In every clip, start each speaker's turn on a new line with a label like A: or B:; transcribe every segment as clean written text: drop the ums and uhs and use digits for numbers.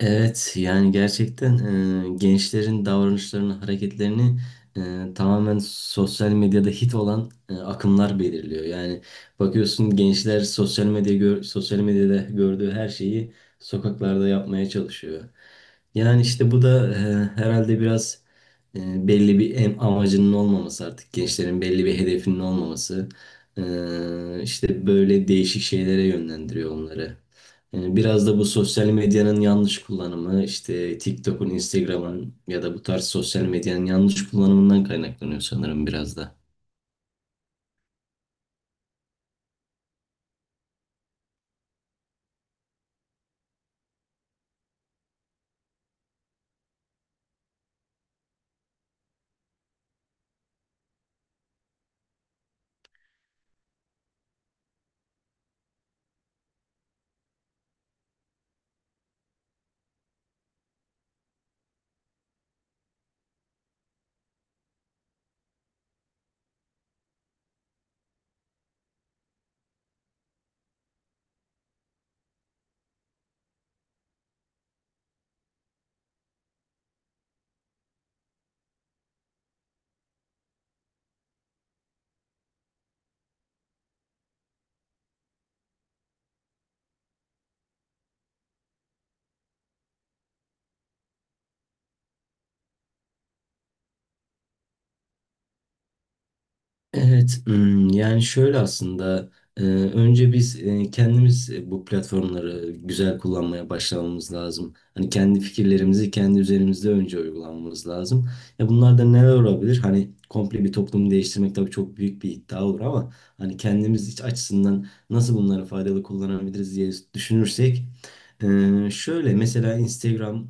A: Evet yani gerçekten gençlerin davranışlarını, hareketlerini tamamen sosyal medyada hit olan akımlar belirliyor. Yani bakıyorsun gençler sosyal medyada gördüğü her şeyi sokaklarda yapmaya çalışıyor. Yani işte bu da herhalde biraz amacının olmaması, artık gençlerin belli bir hedefinin olmaması işte böyle değişik şeylere yönlendiriyor onları. Yani biraz da bu sosyal medyanın yanlış kullanımı, işte TikTok'un, Instagram'ın ya da bu tarz sosyal medyanın yanlış kullanımından kaynaklanıyor sanırım biraz da. Evet, hmm, yani şöyle aslında önce biz kendimiz bu platformları güzel kullanmaya başlamamız lazım. Hani kendi fikirlerimizi kendi üzerimizde önce uygulamamız lazım. Ya bunlar da neler olabilir? Hani komple bir toplumu değiştirmek tabii çok büyük bir iddia olur ama hani kendimiz iç açısından nasıl bunları faydalı kullanabiliriz diye düşünürsek şöyle mesela Instagram,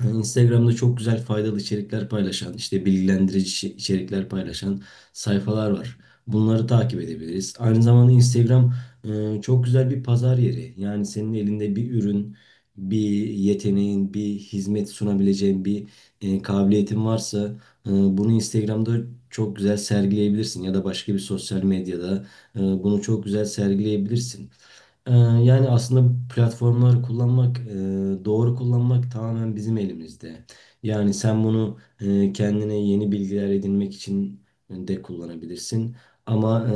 A: yani Instagram'da çok güzel faydalı içerikler paylaşan, işte bilgilendirici içerikler paylaşan sayfalar var. Bunları takip edebiliriz. Aynı zamanda Instagram çok güzel bir pazar yeri. Yani senin elinde bir ürün, bir yeteneğin, bir hizmet sunabileceğin bir kabiliyetin varsa bunu Instagram'da çok güzel sergileyebilirsin ya da başka bir sosyal medyada bunu çok güzel sergileyebilirsin. Ee, Yani aslında bu platformları kullanmak, doğru kullanmak tamamen bizim elimizde. Yani sen bunu kendine yeni bilgiler edinmek için de kullanabilirsin. Ama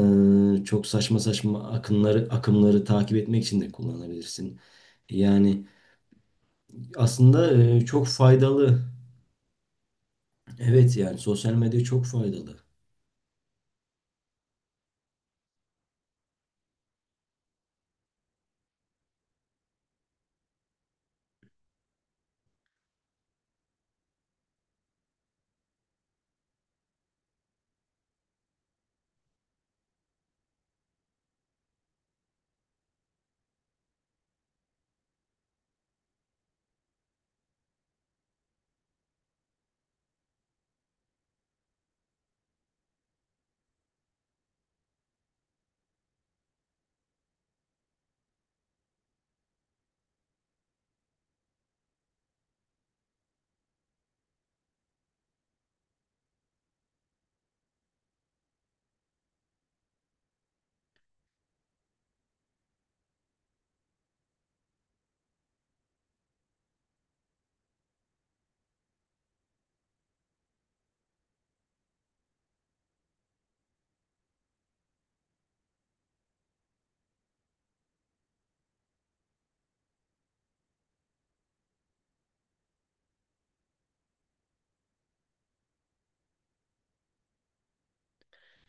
A: çok saçma saçma akımları takip etmek için de kullanabilirsin. Yani aslında çok faydalı. Evet yani sosyal medya çok faydalı.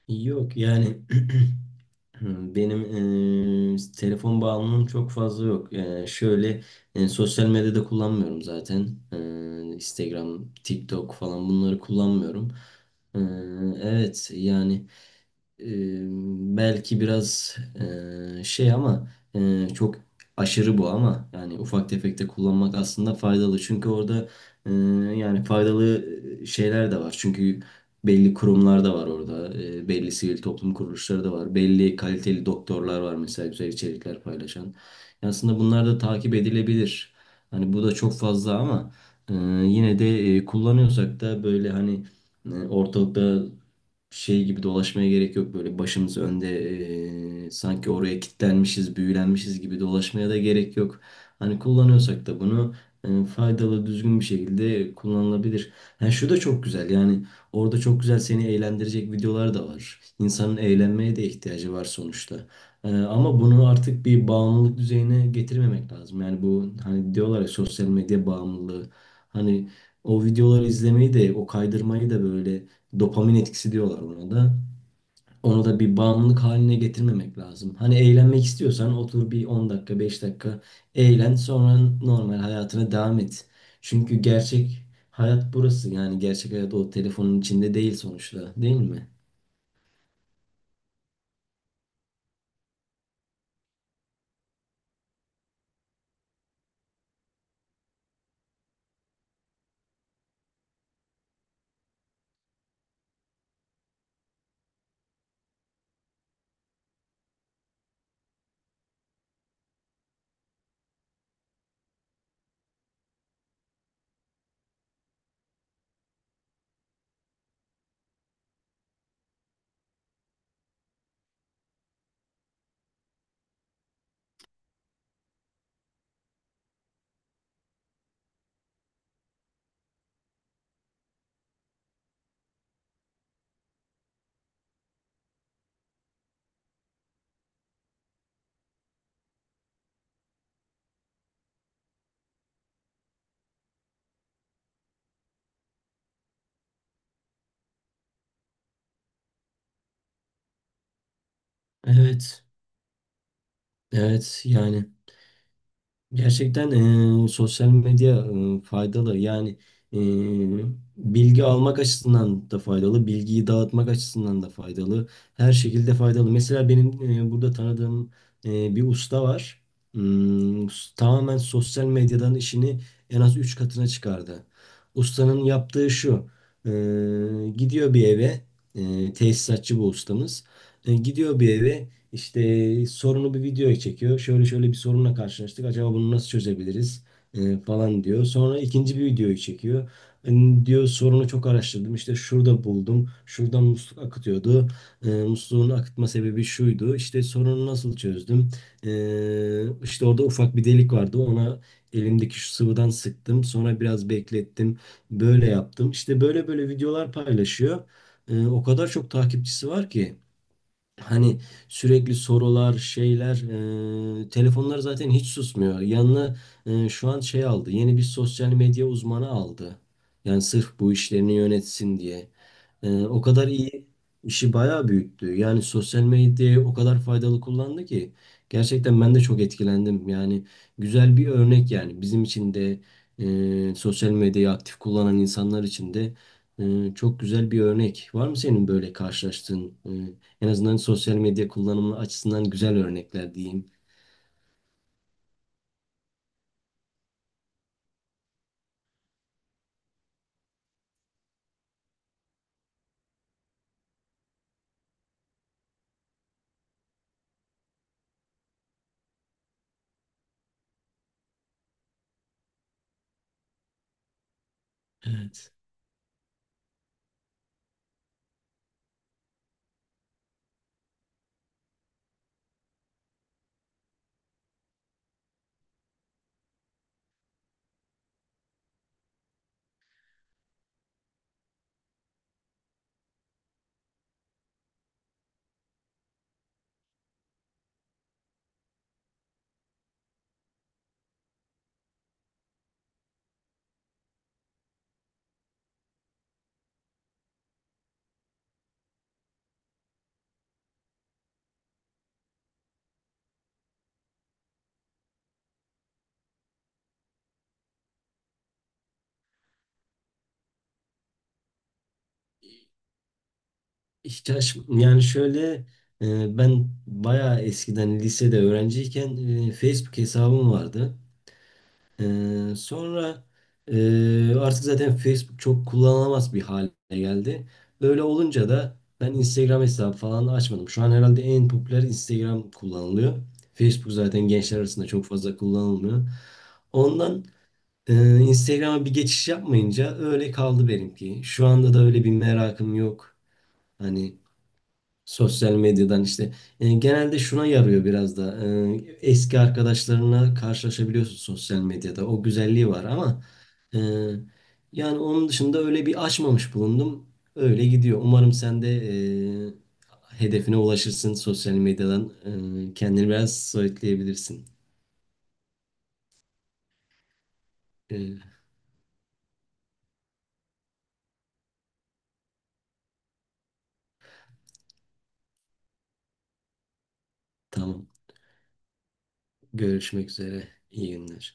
A: Yok yani hmm, benim telefon bağımlılığım çok fazla yok. Şöyle sosyal medyada kullanmıyorum zaten. Instagram, TikTok falan bunları kullanmıyorum. Eee, evet yani e, belki biraz şey ama çok aşırı bu, ama yani ufak tefek de kullanmak aslında faydalı. Çünkü orada e, yani faydalı şeyler de var. Çünkü belli kurumlar da var orada. E, belli sivil toplum kuruluşları da var. Belli kaliteli doktorlar var mesela güzel içerikler paylaşan. Yani aslında bunlar da takip edilebilir. Hani bu da çok fazla, ama e, yine de kullanıyorsak da böyle hani ortalıkta şey gibi dolaşmaya gerek yok. Böyle başımız önde sanki oraya kilitlenmişiz, büyülenmişiz gibi dolaşmaya da gerek yok. Hani kullanıyorsak da bunu faydalı, düzgün bir şekilde kullanılabilir. Yani şu da çok güzel. Yani orada çok güzel seni eğlendirecek videolar da var. İnsanın eğlenmeye de ihtiyacı var sonuçta. Ama bunu artık bir bağımlılık düzeyine getirmemek lazım. Yani bu hani diyorlar ya, sosyal medya bağımlılığı. Hani o videoları izlemeyi de, o kaydırmayı da böyle dopamin etkisi diyorlar ona da. Onu da bir bağımlılık haline getirmemek lazım. Hani eğlenmek istiyorsan otur bir 10 dakika, 5 dakika eğlen, sonra normal hayatına devam et. Çünkü gerçek hayat burası. Yani gerçek hayat o telefonun içinde değil sonuçta, değil mi? Evet. Evet yani gerçekten sosyal medya faydalı. Yani eee, bilgi almak açısından da faydalı, bilgiyi dağıtmak açısından da faydalı. Her şekilde faydalı. Mesela benim burada tanıdığım bir usta var. Hmm, tamamen sosyal medyadan işini en az 3 katına çıkardı. Ustanın yaptığı şu: gidiyor bir eve, tesisatçı bu ustamız. Gidiyor bir eve, işte sorunu bir videoya çekiyor. Şöyle şöyle bir sorunla karşılaştık. Acaba bunu nasıl çözebiliriz? E, falan diyor. Sonra ikinci bir videoyu çekiyor. Hani diyor sorunu çok araştırdım. İşte şurada buldum. Şuradan musluk akıtıyordu. E, musluğun akıtma sebebi şuydu. İşte sorunu nasıl çözdüm? E, işte orada ufak bir delik vardı. Ona elimdeki şu sıvıdan sıktım. Sonra biraz beklettim. Böyle yaptım. İşte böyle böyle videolar paylaşıyor. E, o kadar çok takipçisi var ki! Hani sürekli sorular, şeyler, telefonlar zaten hiç susmuyor. Yanına şu an şey aldı, yeni bir sosyal medya uzmanı aldı. Yani sırf bu işlerini yönetsin diye. O kadar iyi, işi bayağı büyüttü. Yani sosyal medyayı o kadar faydalı kullandı ki. Gerçekten ben de çok etkilendim. Yani güzel bir örnek yani. Bizim için de sosyal medyayı aktif kullanan insanlar için de çok güzel bir örnek. Var mı senin böyle karşılaştığın? En azından sosyal medya kullanımı açısından güzel örnekler diyeyim. Evet. İhtiyaç yani şöyle, ben bayağı eskiden lisede öğrenciyken Facebook hesabım vardı. Sonra artık zaten Facebook çok kullanılamaz bir hale geldi. Öyle olunca da ben Instagram hesabı falan açmadım. Şu an herhalde en popüler Instagram kullanılıyor. Facebook zaten gençler arasında çok fazla kullanılmıyor. Ondan Instagram'a bir geçiş yapmayınca öyle kaldı benimki. Şu anda da öyle bir merakım yok. Hani sosyal medyadan işte. Genelde şuna yarıyor biraz da. Eski arkadaşlarına karşılaşabiliyorsun sosyal medyada. O güzelliği var ama e, yani onun dışında öyle bir açmamış bulundum. Öyle gidiyor. Umarım sen de e, hedefine ulaşırsın sosyal medyadan. E, kendini biraz soyutlayabilirsin. E, tamam. Görüşmek üzere. İyi günler.